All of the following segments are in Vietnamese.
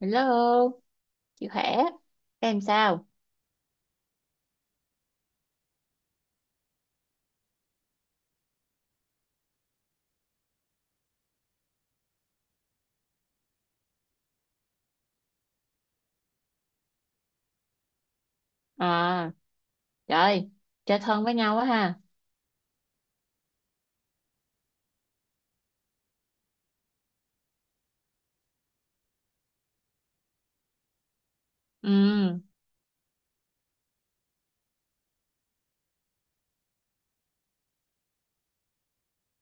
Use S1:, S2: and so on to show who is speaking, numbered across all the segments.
S1: Hello, chị khỏe. Em sao? À, trời, chơi thân với nhau quá ha. Ừ,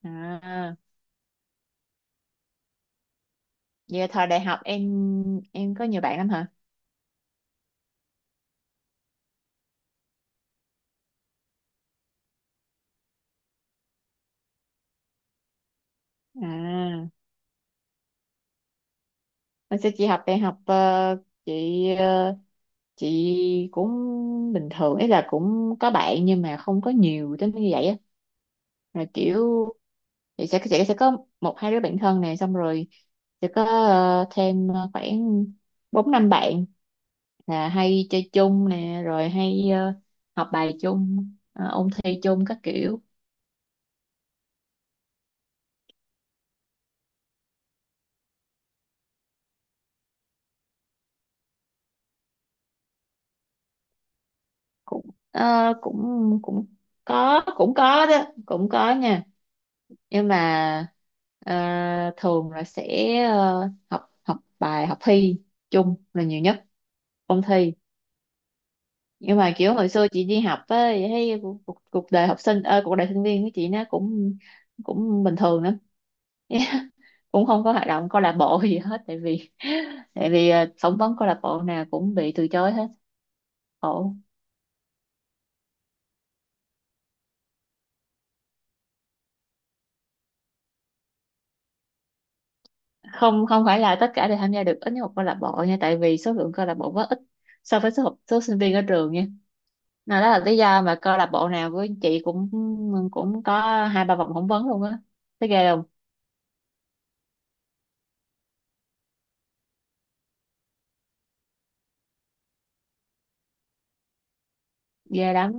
S1: à, giờ thời đại học em có nhiều bạn lắm hả? À, hồi xưa chị học đại học chị chị cũng bình thường, ý là cũng có bạn nhưng mà không có nhiều tới như vậy á. Rồi kiểu thì sẽ có một hai đứa bạn thân này, xong rồi sẽ có thêm khoảng bốn năm bạn là hay chơi chung nè, rồi hay học bài chung, ôn thi chung các kiểu. Cũng ờ, cũng cũng có, cũng có đó, cũng có nha. Nhưng mà ờ, thường là sẽ học học bài, học thi chung là nhiều nhất, ôn thi. Nhưng mà kiểu hồi xưa chị đi học á thì thấy cuộc, cuộc cuộc đời học sinh, cuộc đời sinh viên của chị nó cũng cũng bình thường lắm, cũng không có hoạt động câu lạc bộ gì hết. Tại vì phỏng vấn câu lạc bộ nào cũng bị từ chối hết. Khổ. Không, không phải là tất cả đều tham gia được ít nhất một câu lạc bộ nha, tại vì số lượng câu lạc bộ rất ít so với số sinh viên ở trường nha. Nên đó là lý do mà câu lạc bộ nào của chị cũng cũng có hai ba vòng phỏng vấn luôn á. Thấy ghê không? Ghê lắm.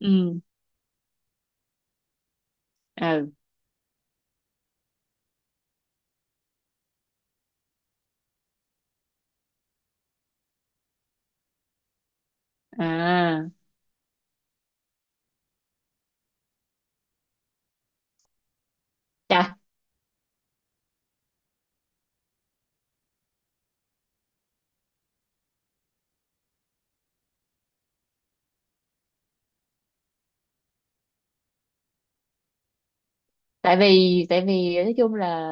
S1: Ừ, ừ, à, tại vì nói chung là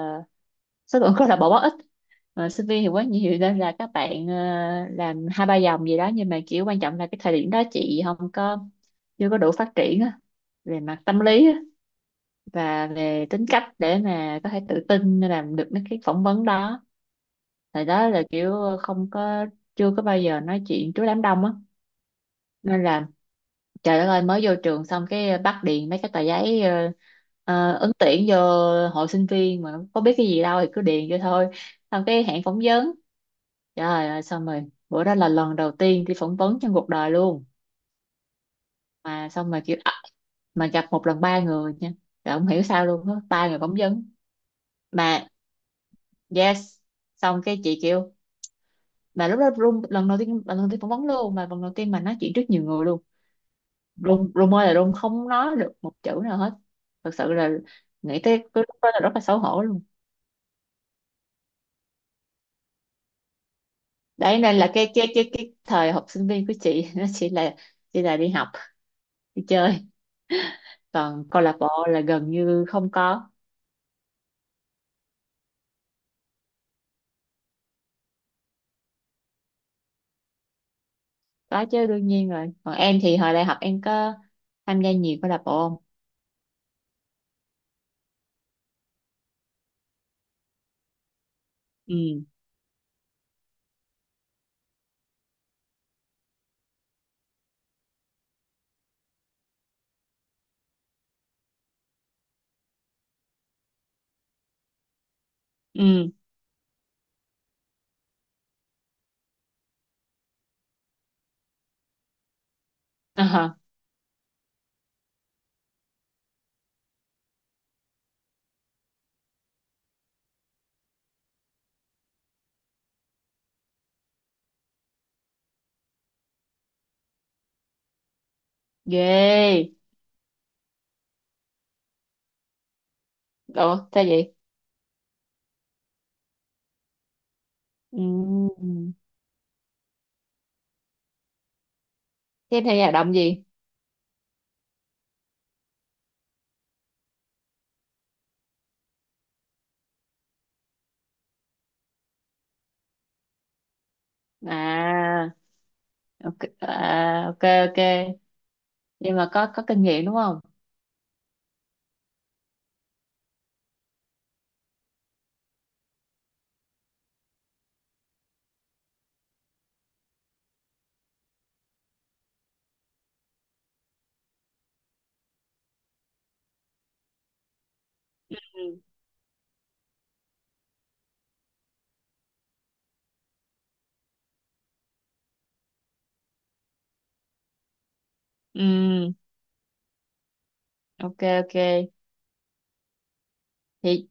S1: số lượng rất là bó ít, mà sinh viên thì quá nhiều, nên là các bạn làm hai ba dòng gì đó. Nhưng mà kiểu quan trọng là cái thời điểm đó chị không có, chưa có đủ phát triển á, về mặt tâm lý á, và về tính cách để mà có thể tự tin làm được mấy cái phỏng vấn đó. Thời đó là kiểu không có, chưa có bao giờ nói chuyện trước đám đông á. Nên là trời đất ơi, mới vô trường xong cái bắt điền mấy cái tờ giấy, ứng tuyển vô hội sinh viên mà có biết cái gì đâu, thì cứ điền vô thôi. Xong cái hẹn phỏng vấn, trời ơi, xong rồi bữa đó là lần đầu tiên đi phỏng vấn trong cuộc đời luôn. Mà xong mà kiểu à, mà gặp một lần ba người nha, rồi không hiểu sao luôn á, ba người phỏng vấn mà. Yes. Xong cái chị kêu, mà lúc đó run, lần đầu tiên phỏng vấn luôn mà, lần đầu tiên mà nói chuyện trước nhiều người luôn, run run ơi là run, không nói được một chữ nào hết. Thật sự là nghĩ tới cái lúc đó là rất là xấu hổ luôn. Đấy nên là cái thời học sinh viên của chị nó chỉ là đi học, đi chơi, còn câu lạc bộ là gần như không có. Có chứ, đương nhiên rồi. Còn em thì hồi đại học em có tham gia nhiều câu lạc bộ không? Ừ, ừ, à, ghê. Ủa sao vậy? Ừ. Thế em tham gia hoạt động gì? À, ok à, ok, ok. Nhưng mà có kinh nghiệm đúng không? Ừ, ok, ok. Thì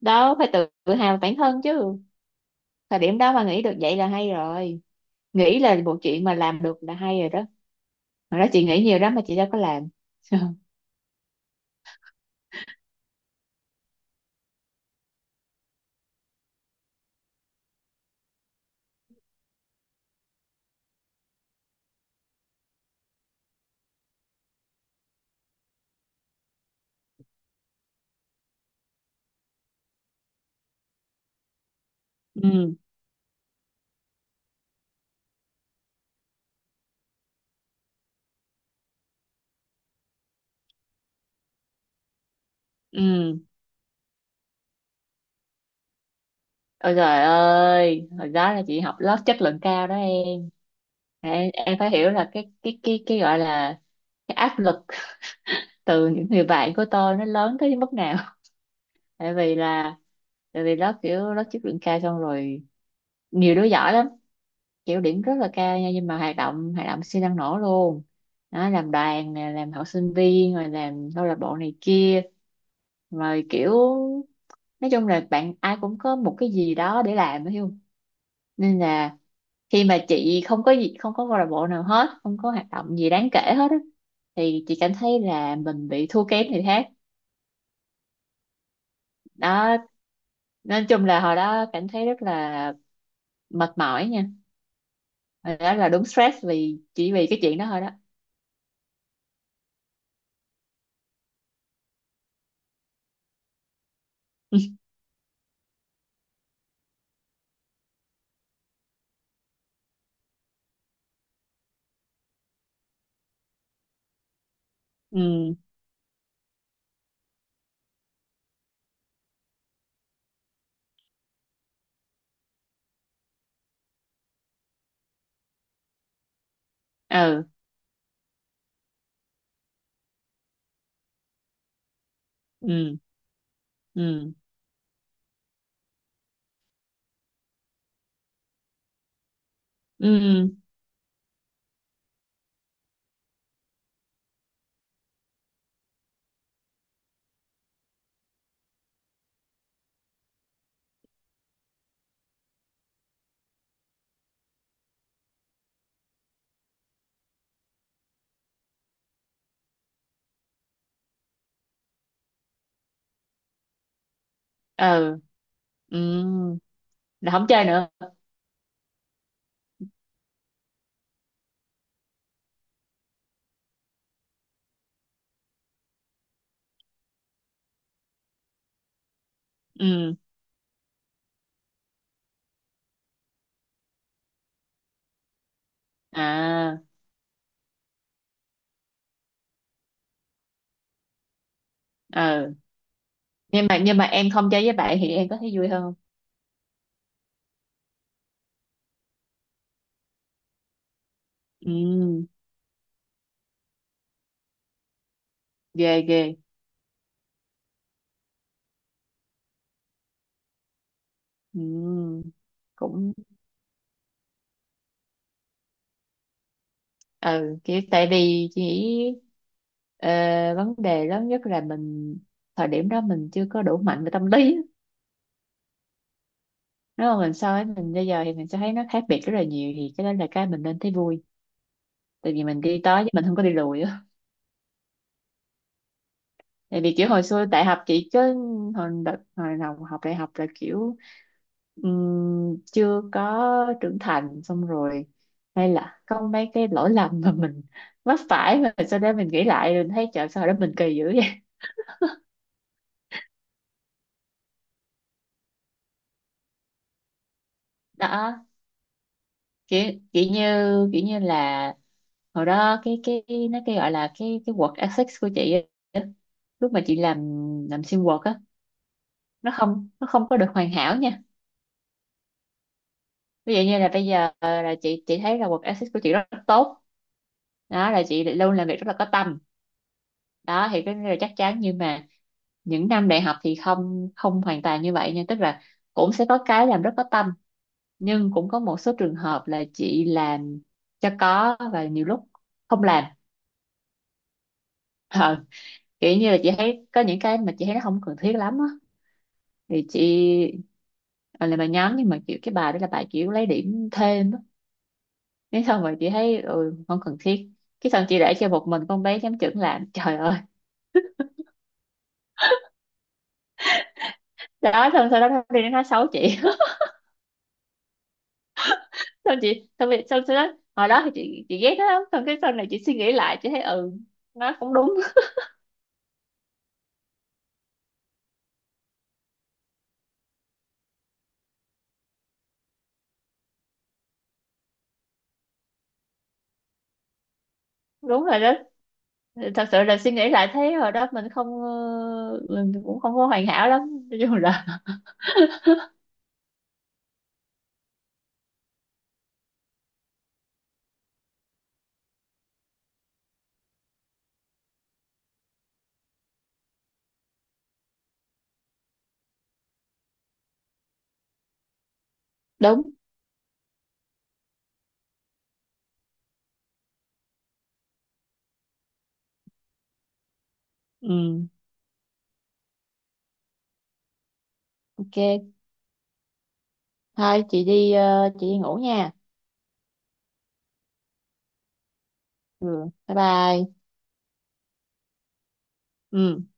S1: đó, phải tự tự hào bản thân chứ, thời điểm đó mà nghĩ được vậy là hay rồi, nghĩ là một chuyện mà làm được là hay rồi đó. Mà đó, chị nghĩ nhiều lắm mà chị đâu có làm. Ừ, ừ. Ôi trời ơi, hồi đó là chị học lớp chất lượng cao đó em, em phải hiểu là cái gọi là cái áp lực từ những người bạn của tôi nó lớn tới mức nào. Tại vì là tại vì lớp kiểu lớp chất lượng cao, xong rồi nhiều đứa giỏi lắm, kiểu điểm rất là cao nha, nhưng mà hoạt động siêu năng nổ luôn. Đó, làm đoàn nè, làm học sinh viên, rồi làm câu lạc bộ này kia, rồi kiểu nói chung là bạn ai cũng có một cái gì đó để làm, hiểu không? Nên là khi mà chị không có gì, không có câu lạc bộ nào hết, không có hoạt động gì đáng kể hết á, thì chị cảm thấy là mình bị thua kém người khác. Đó, nói chung là hồi đó cảm thấy rất là mệt mỏi nha. Hồi đó là đúng stress vì chỉ vì cái chuyện đó thôi đó. Ừ, ừ, ừ, ừ, ừ, ừ, ừ là không chơi nữa. Ừ, à, ừ. Nhưng mà em không chơi với bạn thì em có thấy vui hơn không? Ừ, ghê ghê. Ừ, cũng. Ừ, kiểu tại vì chỉ ờ, vấn đề lớn nhất là mình thời điểm đó mình chưa có đủ mạnh về tâm lý á. Nếu mà mình so với mình bây giờ thì mình sẽ thấy nó khác biệt rất là nhiều, thì cái đó là cái mình nên thấy vui, tại vì mình đi tới chứ mình không có đi lùi á. Tại vì kiểu hồi xưa đại học chị cứ, hồi đợt hồi đầu học đại học là kiểu chưa có trưởng thành, xong rồi hay là có mấy cái lỗi lầm mà mình mắc phải mà sau đó mình nghĩ lại rồi mình thấy trời sao hồi đó mình kỳ dữ vậy. Đó, kiểu kiểu như là hồi đó cái nó gọi là cái work ethics của chị á, lúc mà chị làm sim work á, nó không, nó không có được hoàn hảo nha. Ví dụ như là bây giờ là chị thấy là work ethics của chị rất tốt, đó là chị luôn làm việc rất là có tâm, đó thì cái là chắc chắn. Nhưng mà những năm đại học thì không, không hoàn toàn như vậy nha, tức là cũng sẽ có cái làm rất có tâm, nhưng cũng có một số trường hợp là chị làm cho có, và nhiều lúc không làm. Ờ, kiểu như là chị thấy có những cái mà chị thấy nó không cần thiết lắm á, thì chị ờ, làm bài nhóm, nhưng mà kiểu cái bài đó là bài kiểu lấy điểm thêm á. Thế xong rồi chị thấy ừ, không cần thiết, cái xong chị để cho một mình con bé giám trưởng làm, trời ơi. Đó, xong sau đó nó đi nó nói xấu chị. Xong chị xong, rồi- xong sau đó hồi đó thì chị ghét nó lắm, xong cái sau này chị suy nghĩ lại chị thấy ừ, nó cũng đúng. Đúng rồi đó, thật sự là suy nghĩ lại thấy hồi đó mình không mình cũng không có hoàn hảo lắm, nói chung là. Đúng. Ừ, ok. Thôi chị đi chị đi ngủ nha. Ừ, bye bye. Ừ.